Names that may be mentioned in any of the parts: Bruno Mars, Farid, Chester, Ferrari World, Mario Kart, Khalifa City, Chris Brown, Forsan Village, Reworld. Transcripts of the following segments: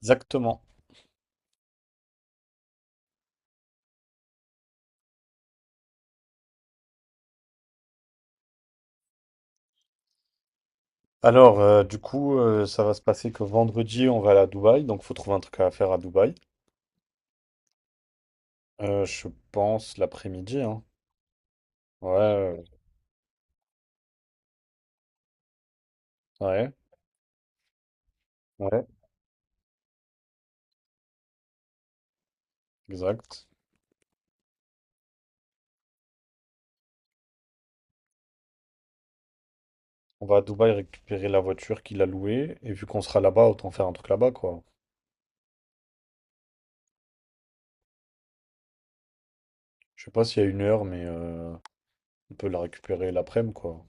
Exactement. Alors, ça va se passer que vendredi, on va aller à Dubaï, donc faut trouver un truc à faire à Dubaï. Je pense l'après-midi, hein. Ouais, euh, ouais, ouais, exact. On va à Dubaï récupérer la voiture qu'il a louée, et vu qu'on sera là-bas, autant faire un truc là-bas, quoi. Je sais pas s'il y a une heure, mais on peut la récupérer l'après-midi, quoi.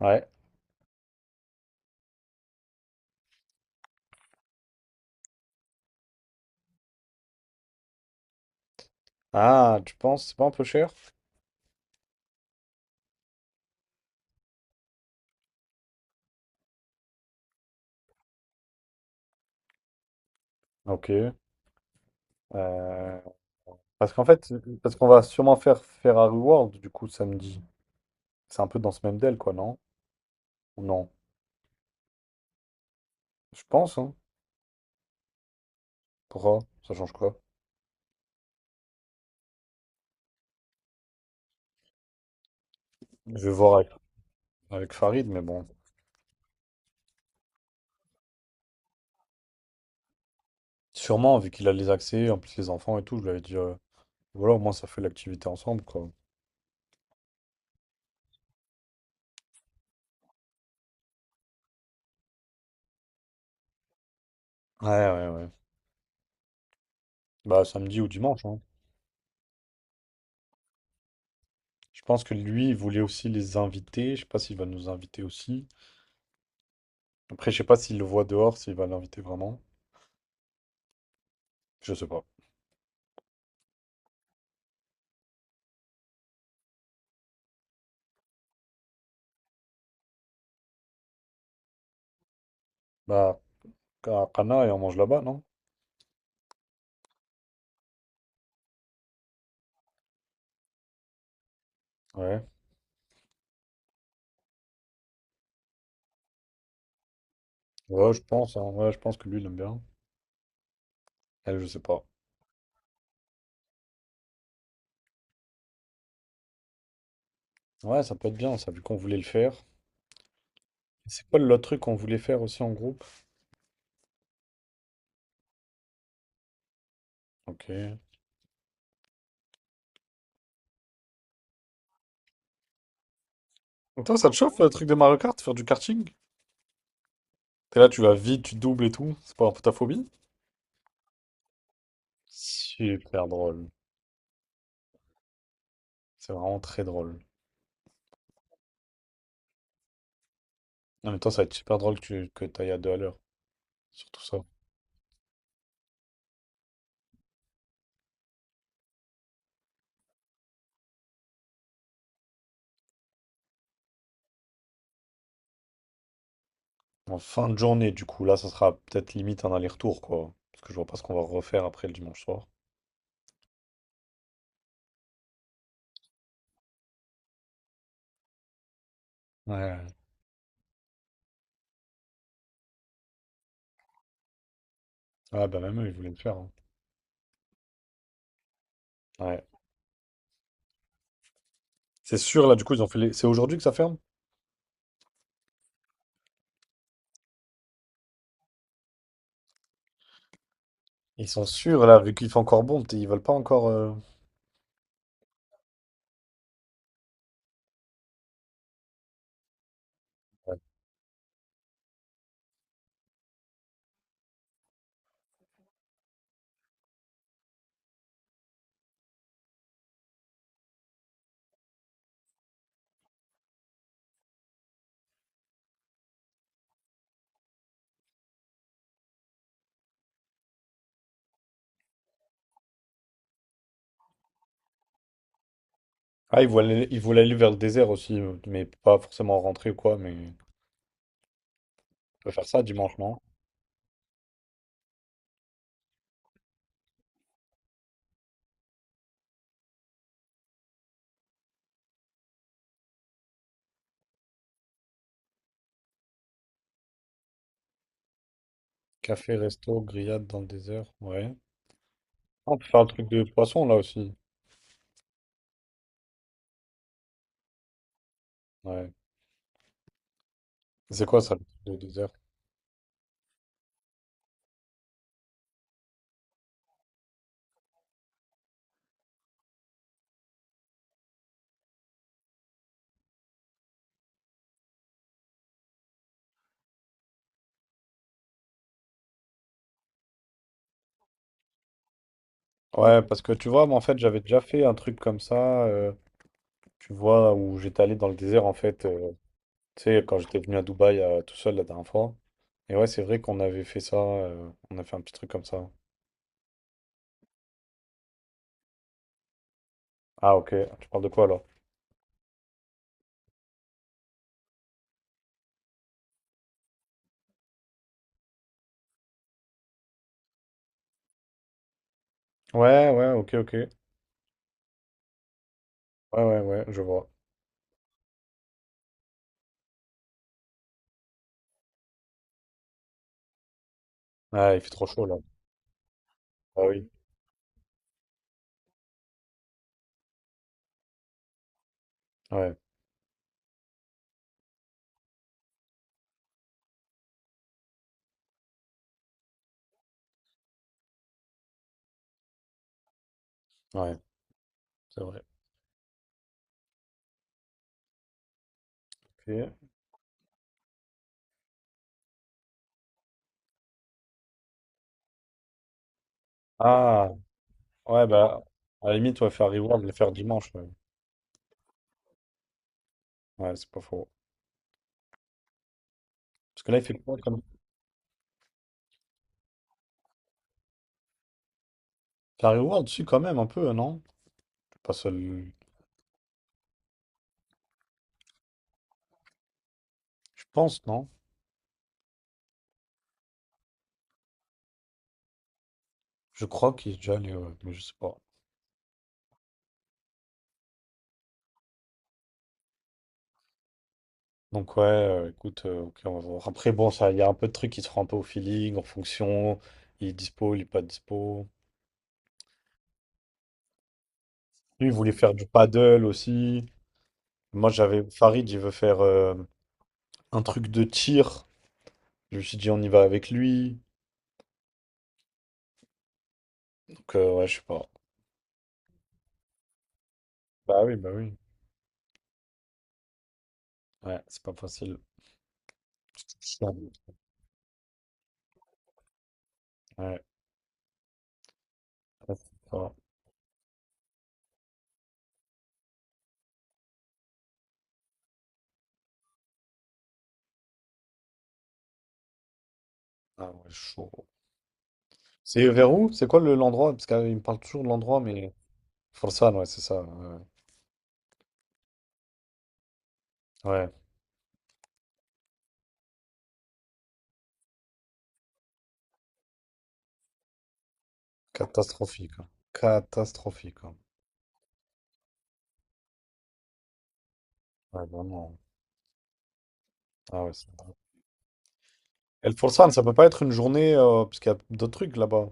Ouais. Ah, tu penses, c'est pas un peu cher? Ok. euh, Parce qu'en fait, parce qu'on va sûrement faire Ferrari World du coup samedi. C'est un peu dans ce même deal, quoi, non? Ou non. Je pense, hein. Pourquoi? Ça change quoi? Je vais voir avec, avec Farid, mais bon. Sûrement, vu qu'il a les accès, en plus les enfants et tout, je lui avais dit. Voilà, au moins ça fait l'activité ensemble, quoi. Ouais, ouais, ouais. Bah samedi ou dimanche, hein. Je pense que lui, il voulait aussi les inviter. Je sais pas s'il va nous inviter aussi. Après, je sais pas s'il le voit dehors, s'il va l'inviter vraiment. Je sais pas. Bah. Kana, et on mange là-bas, non? Ouais. Ouais, je pense, hein. Ouais, je pense que lui, il aime bien. Elle, je sais pas. Ouais, ça peut être bien, ça, vu qu'on voulait le faire. C'est quoi le truc qu'on voulait faire aussi en groupe? Ok. Donc toi, ça te chauffe, le truc des Mario Kart, faire du karting? T'es là, tu vas vite, tu doubles et tout. C'est pas un peu ta phobie? Super drôle. C'est vraiment très drôle. Non, mais toi, ça va être super drôle que tu que t'ailles à deux à l'heure, surtout ça. En fin de journée, du coup, là, ça sera peut-être limite un aller-retour, quoi. Parce que je vois pas ce qu'on va refaire après le dimanche soir. Ouais. Ah, bah même eux, ils voulaient le faire, hein. Ouais. C'est sûr, là, du coup, ils ont fait les- c'est aujourd'hui que ça ferme? Ils sont sûrs, là, vu qu'il fait encore bon, peut-être ils veulent pas encore... Ouais. Ils voulaient aller vers le désert aussi, mais pas forcément rentrer ou quoi, mais on peut faire ça dimanche, non? Café, resto, grillade dans le désert, ouais. Ah, on peut faire un truc de poisson, là, aussi. Ouais. C'est quoi, ça, le truc de désert? Ouais, parce que tu vois, moi, en fait, j'avais déjà fait un truc comme ça, tu vois, où j'étais allé dans le désert, en fait, tu sais, quand j'étais venu à Dubaï tout seul la dernière fois. Et ouais, c'est vrai qu'on avait fait ça, on a fait un petit truc comme ça. Ah, ok, tu parles de quoi alors? Ouais, ouais, ok, ok. Ouais, ouais, ouais, je vois. Ah, il fait trop chaud là. Ah oui. Ouais, ouais, c'est vrai. Ok. Ah. Ouais, bah, à la limite, ouais, faire Reworld, le faire dimanche. Ouais, ouais, c'est pas faux. Parce que là, il fait quoi comme. Faire Reworld, si, quand même, un peu, non? Pas seul. Je pense, non? Je crois qu'il est déjà allé, ouais, mais je sais pas. Donc, écoute, ok, on va voir. Après, bon, ça, il y a un peu de trucs qui se font un peu au feeling, en fonction. Il est dispo, il est pas dispo. Lui, il voulait faire du paddle aussi. Moi, j'avais. Farid, il veut faire un truc de tir. Je me suis dit, on y va avec lui. Donc, ouais, je sais pas. Bah oui, bah oui. Ouais, c'est pas facile. Ouais, ah, c'est fort. Ah ouais, chaud. C'est vers où? L'endroit? Parce qu'il me parle toujours de l'endroit, mais... Forsan, ouais, c'est ça. Ouais, ouais. Ouais, catastrophique, hein. Catastrophique, hein. Ouais, vraiment. Ah ouais, c'est... Et le Forsan, ça peut pas être une journée, parce qu'il y a d'autres trucs là-bas.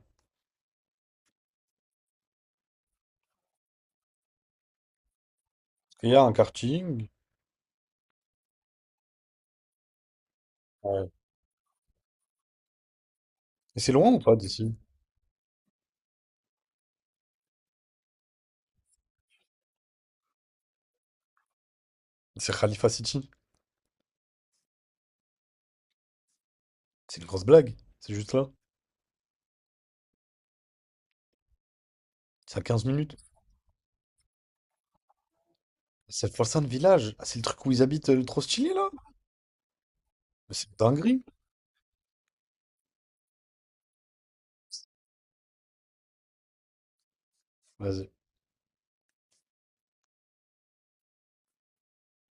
Il y a un karting. Ouais. Et c'est loin ou pas d'ici? C'est Khalifa City. C'est une grosse blague. C'est juste là. C'est à 15 minutes. C'est le Forsan Village. Ah, c'est le truc où ils habitent le trop stylé, là? Mais c'est une dinguerie. Vas-y.